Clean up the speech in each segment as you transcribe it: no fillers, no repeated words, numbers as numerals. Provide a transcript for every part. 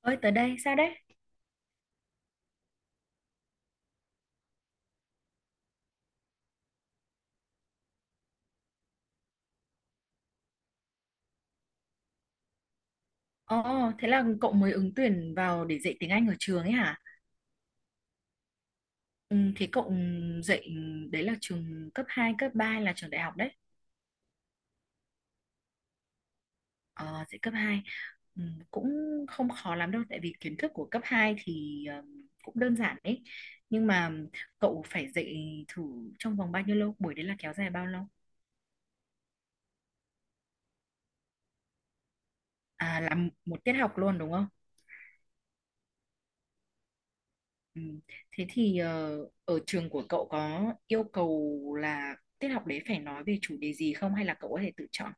Ơi tới đây sao đấy? Ồ, thế là cậu mới ứng tuyển vào để dạy tiếng Anh ở trường ấy hả? Ừ, thế cậu dạy đấy là trường cấp 2 cấp 3 hay là trường đại học đấy. Ờ, dạy cấp hai. Ừ, cũng không khó lắm đâu tại vì kiến thức của cấp 2 thì cũng đơn giản đấy. Nhưng mà cậu phải dạy thử trong vòng bao nhiêu lâu? Buổi đấy là kéo dài bao lâu? À, là một tiết học luôn đúng không? Ừ. Thế thì ở trường của cậu có yêu cầu là tiết học đấy phải nói về chủ đề gì không hay là cậu có thể tự chọn?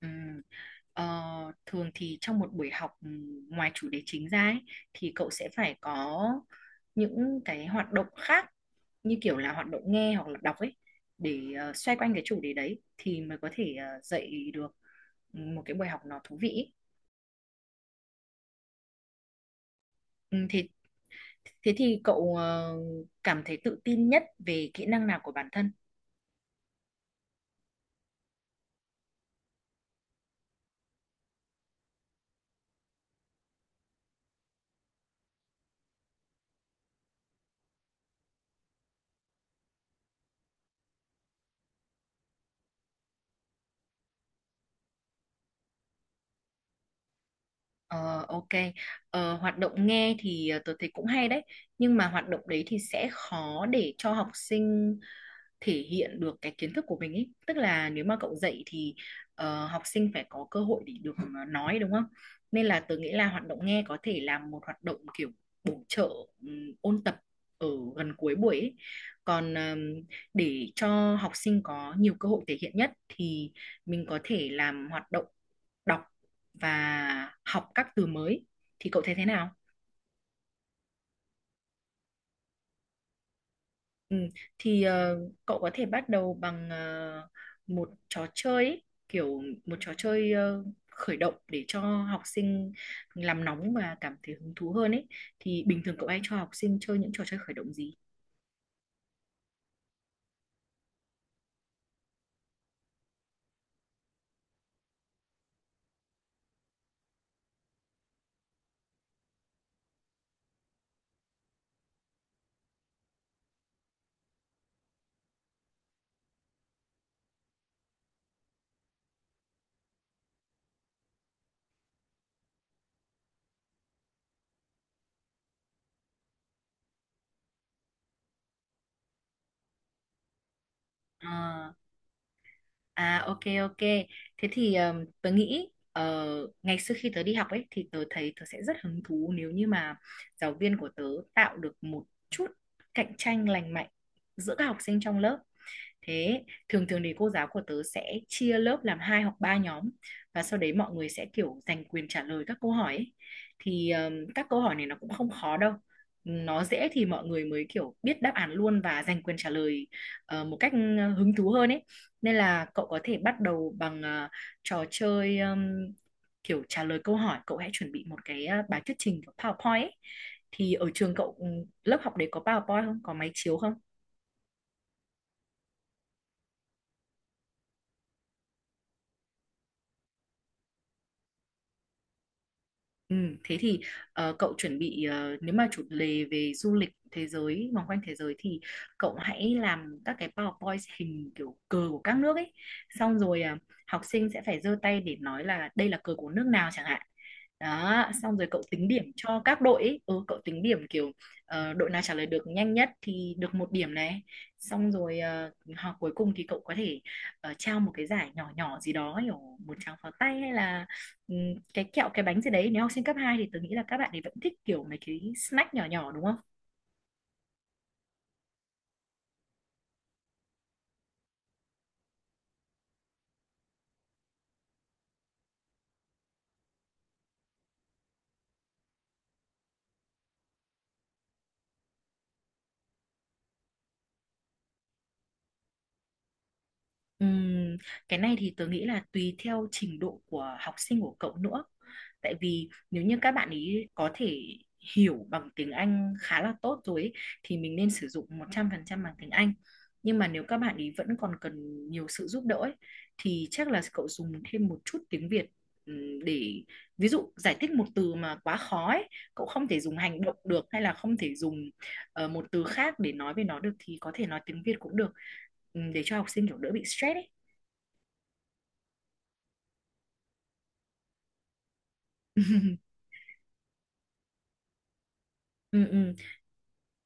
Ừ. Ờ, thường thì trong một buổi học ngoài chủ đề chính ra ấy, thì cậu sẽ phải có những cái hoạt động khác như kiểu là hoạt động nghe hoặc là đọc ấy để xoay quanh cái chủ đề đấy thì mới có thể dạy được một cái buổi học nó thú vị ấy. Ừ, thế thế thì cậu cảm thấy tự tin nhất về kỹ năng nào của bản thân? Ờ, ok. Ờ, hoạt động nghe thì tôi thấy cũng hay đấy. Nhưng mà hoạt động đấy thì sẽ khó để cho học sinh thể hiện được cái kiến thức của mình ấy. Tức là nếu mà cậu dạy thì học sinh phải có cơ hội để được nói đúng không? Nên là tôi nghĩ là hoạt động nghe có thể là một hoạt động kiểu bổ trợ, ôn tập ở gần cuối buổi ấy. Còn để cho học sinh có nhiều cơ hội thể hiện nhất thì mình có thể làm hoạt động đọc và học các từ mới, thì cậu thấy thế nào? Ừ, thì cậu có thể bắt đầu bằng một trò chơi ấy, kiểu một trò chơi khởi động để cho học sinh làm nóng và cảm thấy hứng thú hơn ấy. Thì bình thường cậu hay cho học sinh chơi những trò chơi khởi động gì? Ờ, à, ok ok. Thế thì tớ nghĩ ngày xưa khi tớ đi học ấy thì tớ thấy tớ sẽ rất hứng thú nếu như mà giáo viên của tớ tạo được một chút cạnh tranh lành mạnh giữa các học sinh trong lớp. Thế thường thường thì cô giáo của tớ sẽ chia lớp làm hai hoặc ba nhóm và sau đấy mọi người sẽ kiểu giành quyền trả lời các câu hỏi ấy. Thì các câu hỏi này nó cũng không khó đâu. Nó dễ thì mọi người mới kiểu biết đáp án luôn và giành quyền trả lời một cách hứng thú hơn ấy. Nên là cậu có thể bắt đầu bằng trò chơi, kiểu trả lời câu hỏi. Cậu hãy chuẩn bị một cái bài thuyết trình của PowerPoint ấy. Thì ở trường cậu, lớp học đấy có PowerPoint không? Có máy chiếu không? Ừ, thế thì cậu chuẩn bị, nếu mà chủ đề về du lịch thế giới, vòng quanh thế giới, thì cậu hãy làm các cái PowerPoint hình kiểu cờ của các nước ấy, xong rồi học sinh sẽ phải giơ tay để nói là đây là cờ của nước nào chẳng hạn đó. Xong rồi cậu tính điểm cho các đội ấy. Ừ, cậu tính điểm kiểu đội nào trả lời được nhanh nhất thì được một điểm này, xong rồi hoặc cuối cùng thì cậu có thể trao một cái giải nhỏ nhỏ gì đó kiểu một tràng pháo tay hay là cái kẹo cái bánh gì đấy. Nếu học sinh cấp 2 thì tôi nghĩ là các bạn ấy vẫn thích kiểu mấy cái snack nhỏ nhỏ đúng không? Ừm, cái này thì tớ nghĩ là tùy theo trình độ của học sinh của cậu nữa. Tại vì nếu như các bạn ý có thể hiểu bằng tiếng Anh khá là tốt rồi ấy, thì mình nên sử dụng 100% bằng tiếng Anh. Nhưng mà nếu các bạn ý vẫn còn cần nhiều sự giúp đỡ ấy, thì chắc là cậu dùng thêm một chút tiếng Việt, để ví dụ giải thích một từ mà quá khó ấy, cậu không thể dùng hành động được hay là không thể dùng một từ khác để nói về nó được, thì có thể nói tiếng Việt cũng được, để cho học sinh kiểu đỡ bị stress ấy. Ừ, ừ.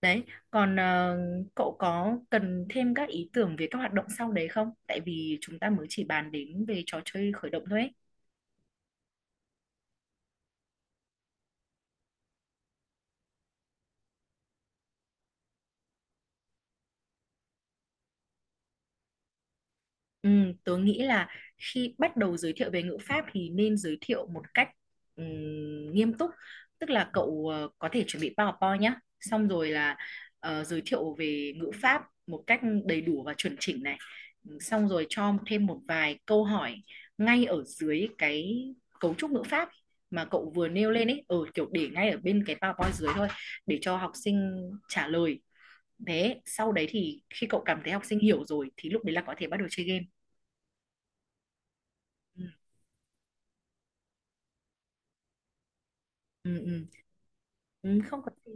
Đấy, còn cậu có cần thêm các ý tưởng về các hoạt động sau đấy không, tại vì chúng ta mới chỉ bàn đến về trò chơi khởi động thôi ấy. Ừ, tớ nghĩ là khi bắt đầu giới thiệu về ngữ pháp thì nên giới thiệu một cách nghiêm túc. Tức là cậu có thể chuẩn bị PowerPoint nhé. Xong rồi là giới thiệu về ngữ pháp một cách đầy đủ và chuẩn chỉnh này. Ừ, xong rồi cho thêm một vài câu hỏi ngay ở dưới cái cấu trúc ngữ pháp mà cậu vừa nêu lên ấy, ở kiểu để ngay ở bên cái PowerPoint dưới thôi, để cho học sinh trả lời. Thế sau đấy thì khi cậu cảm thấy học sinh hiểu rồi thì lúc đấy là có thể bắt đầu chơi game. Ừ, ừ. Ừ, không có gì.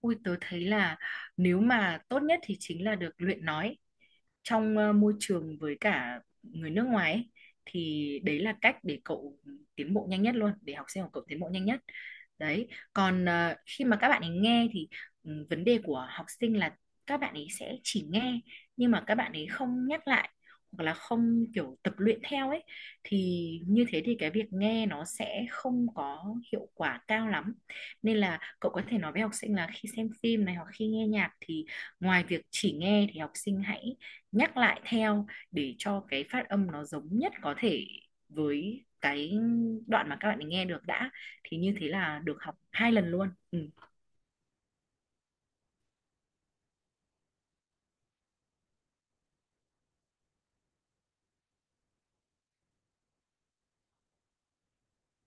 Ui, tớ thấy là nếu mà tốt nhất thì chính là được luyện nói trong môi trường với cả người nước ngoài ấy, thì đấy là cách để cậu tiến bộ nhanh nhất luôn, để học sinh của cậu tiến bộ nhanh nhất. Đấy, còn khi mà các bạn ấy nghe thì, vấn đề của học sinh là các bạn ấy sẽ chỉ nghe nhưng mà các bạn ấy không nhắc lại hoặc là không kiểu tập luyện theo ấy, thì như thế thì cái việc nghe nó sẽ không có hiệu quả cao lắm. Nên là cậu có thể nói với học sinh là khi xem phim này hoặc khi nghe nhạc thì ngoài việc chỉ nghe thì học sinh hãy nhắc lại theo để cho cái phát âm nó giống nhất có thể với cái đoạn mà các bạn ấy nghe được đã. Thì như thế là được học 2 lần luôn ừ,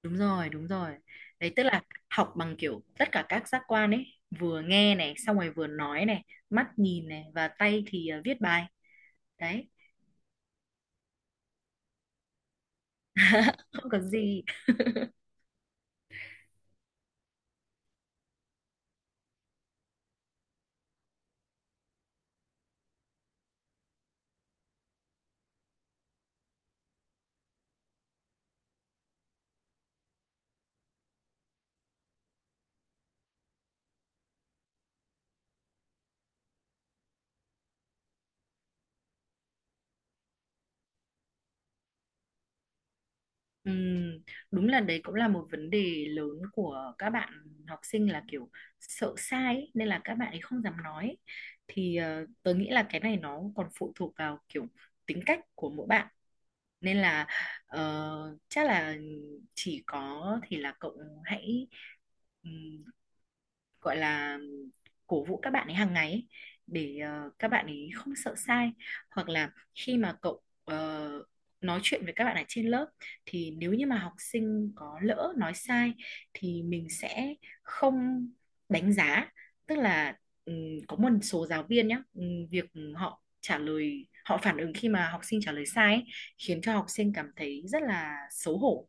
Đúng rồi, đúng rồi. Đấy, tức là học bằng kiểu tất cả các giác quan ấy, vừa nghe này xong rồi vừa nói này, mắt nhìn này và tay thì viết bài. Đấy. Không có gì. Ừm, đúng là đấy cũng là một vấn đề lớn của các bạn học sinh, là kiểu sợ sai ấy, nên là các bạn ấy không dám nói. Thì tớ nghĩ là cái này nó còn phụ thuộc vào kiểu tính cách của mỗi bạn, nên là chắc là chỉ có thì là cậu hãy gọi là cổ vũ các bạn ấy hàng ngày ấy, để các bạn ấy không sợ sai. Hoặc là khi mà cậu nói chuyện với các bạn ở trên lớp thì nếu như mà học sinh có lỡ nói sai thì mình sẽ không đánh giá. Tức là ừm, có một số giáo viên nhá, việc họ trả lời, họ phản ứng khi mà học sinh trả lời sai ấy, khiến cho học sinh cảm thấy rất là xấu hổ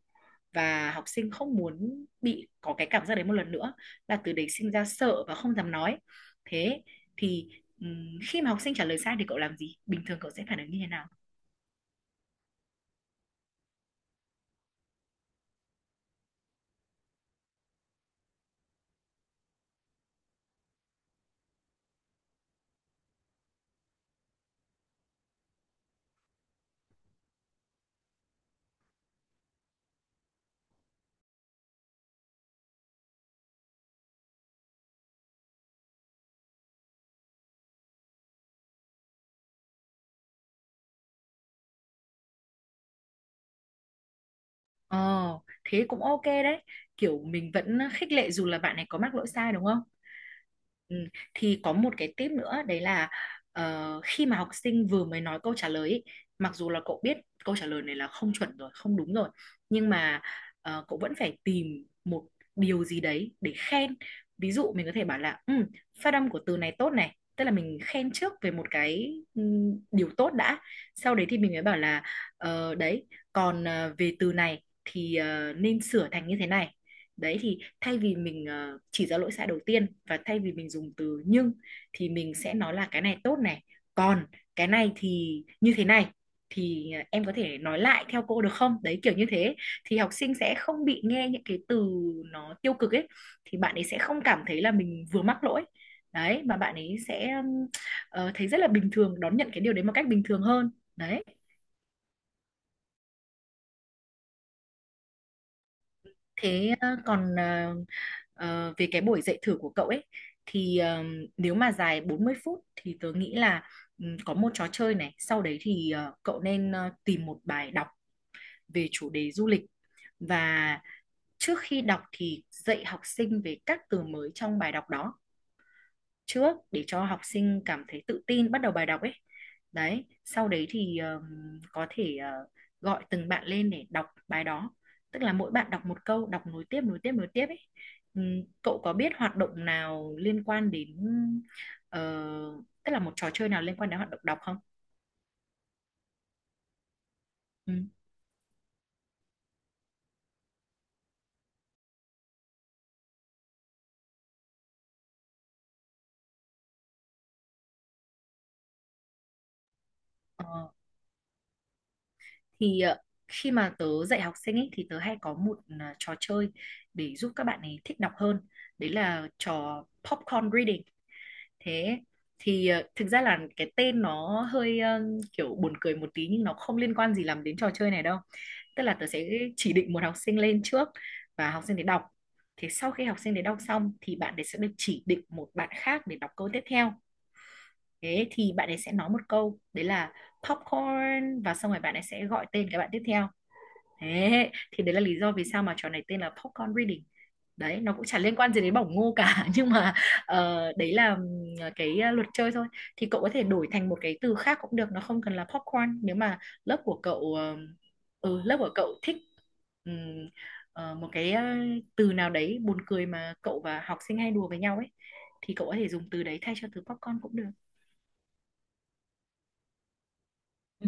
và học sinh không muốn bị có cái cảm giác đấy một lần nữa, là từ đấy sinh ra sợ và không dám nói. Thế thì khi mà học sinh trả lời sai thì cậu làm gì, bình thường cậu sẽ phản ứng như thế nào? Ờ, thế cũng ok đấy, kiểu mình vẫn khích lệ dù là bạn này có mắc lỗi sai đúng không. Ừ, thì có một cái tip nữa đấy là khi mà học sinh vừa mới nói câu trả lời ý, mặc dù là cậu biết câu trả lời này là không chuẩn rồi, không đúng rồi, nhưng mà cậu vẫn phải tìm một điều gì đấy để khen. Ví dụ mình có thể bảo là, phát âm của từ này tốt này, tức là mình khen trước về một cái, điều tốt đã, sau đấy thì mình mới bảo là đấy, còn về từ này thì nên sửa thành như thế này. Đấy, thì thay vì mình chỉ ra lỗi sai đầu tiên và thay vì mình dùng từ nhưng, thì mình sẽ nói là cái này tốt này, còn cái này thì như thế này, thì em có thể nói lại theo cô được không, đấy kiểu như thế, thì học sinh sẽ không bị nghe những cái từ nó tiêu cực ấy, thì bạn ấy sẽ không cảm thấy là mình vừa mắc lỗi. Đấy, mà bạn ấy sẽ thấy rất là bình thường, đón nhận cái điều đấy một cách bình thường hơn. Đấy. Thế về cái buổi dạy thử của cậu ấy thì nếu mà dài 40 phút thì tớ nghĩ là, có một trò chơi này, sau đấy thì cậu nên tìm một bài đọc về chủ đề du lịch, và trước khi đọc thì dạy học sinh về các từ mới trong bài đọc đó trước để cho học sinh cảm thấy tự tin bắt đầu bài đọc ấy. Đấy, sau đấy thì có thể gọi từng bạn lên để đọc bài đó, tức là mỗi bạn đọc một câu, đọc nối tiếp nối tiếp nối tiếp ấy. Cậu có biết hoạt động nào liên quan đến ờ, tức là một trò chơi nào liên quan đến hoạt động đọc không? Ừ. ờ, thì khi mà tớ dạy học sinh ấy, thì tớ hay có một trò chơi để giúp các bạn ấy thích đọc hơn, đấy là trò popcorn reading. Thế thì thực ra là cái tên nó hơi kiểu buồn cười một tí nhưng nó không liên quan gì lắm đến trò chơi này đâu. Tức là tớ sẽ chỉ định một học sinh lên trước và học sinh để đọc, thế sau khi học sinh để đọc xong thì bạn ấy sẽ được chỉ định một bạn khác để đọc câu tiếp theo. Thế thì bạn ấy sẽ nói một câu đấy là popcorn và xong rồi bạn ấy sẽ gọi tên cái bạn tiếp theo. Thế thì đấy là lý do vì sao mà trò này tên là popcorn reading. Đấy, nó cũng chả liên quan gì đến bỏng ngô cả. Nhưng mà đấy là cái luật chơi thôi. Thì cậu có thể đổi thành một cái từ khác cũng được, nó không cần là popcorn nếu mà lớp của cậu ờ, lớp của cậu thích ừm, một cái từ nào đấy buồn cười mà cậu và học sinh hay đùa với nhau ấy, thì cậu có thể dùng từ đấy thay cho từ popcorn cũng được. Ừ.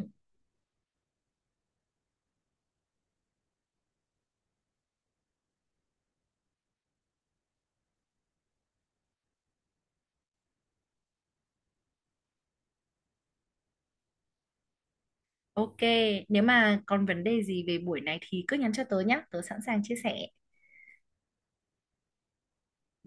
Ok, nếu mà còn vấn đề gì về buổi này thì cứ nhắn cho tớ nhé, tớ sẵn sàng chia sẻ.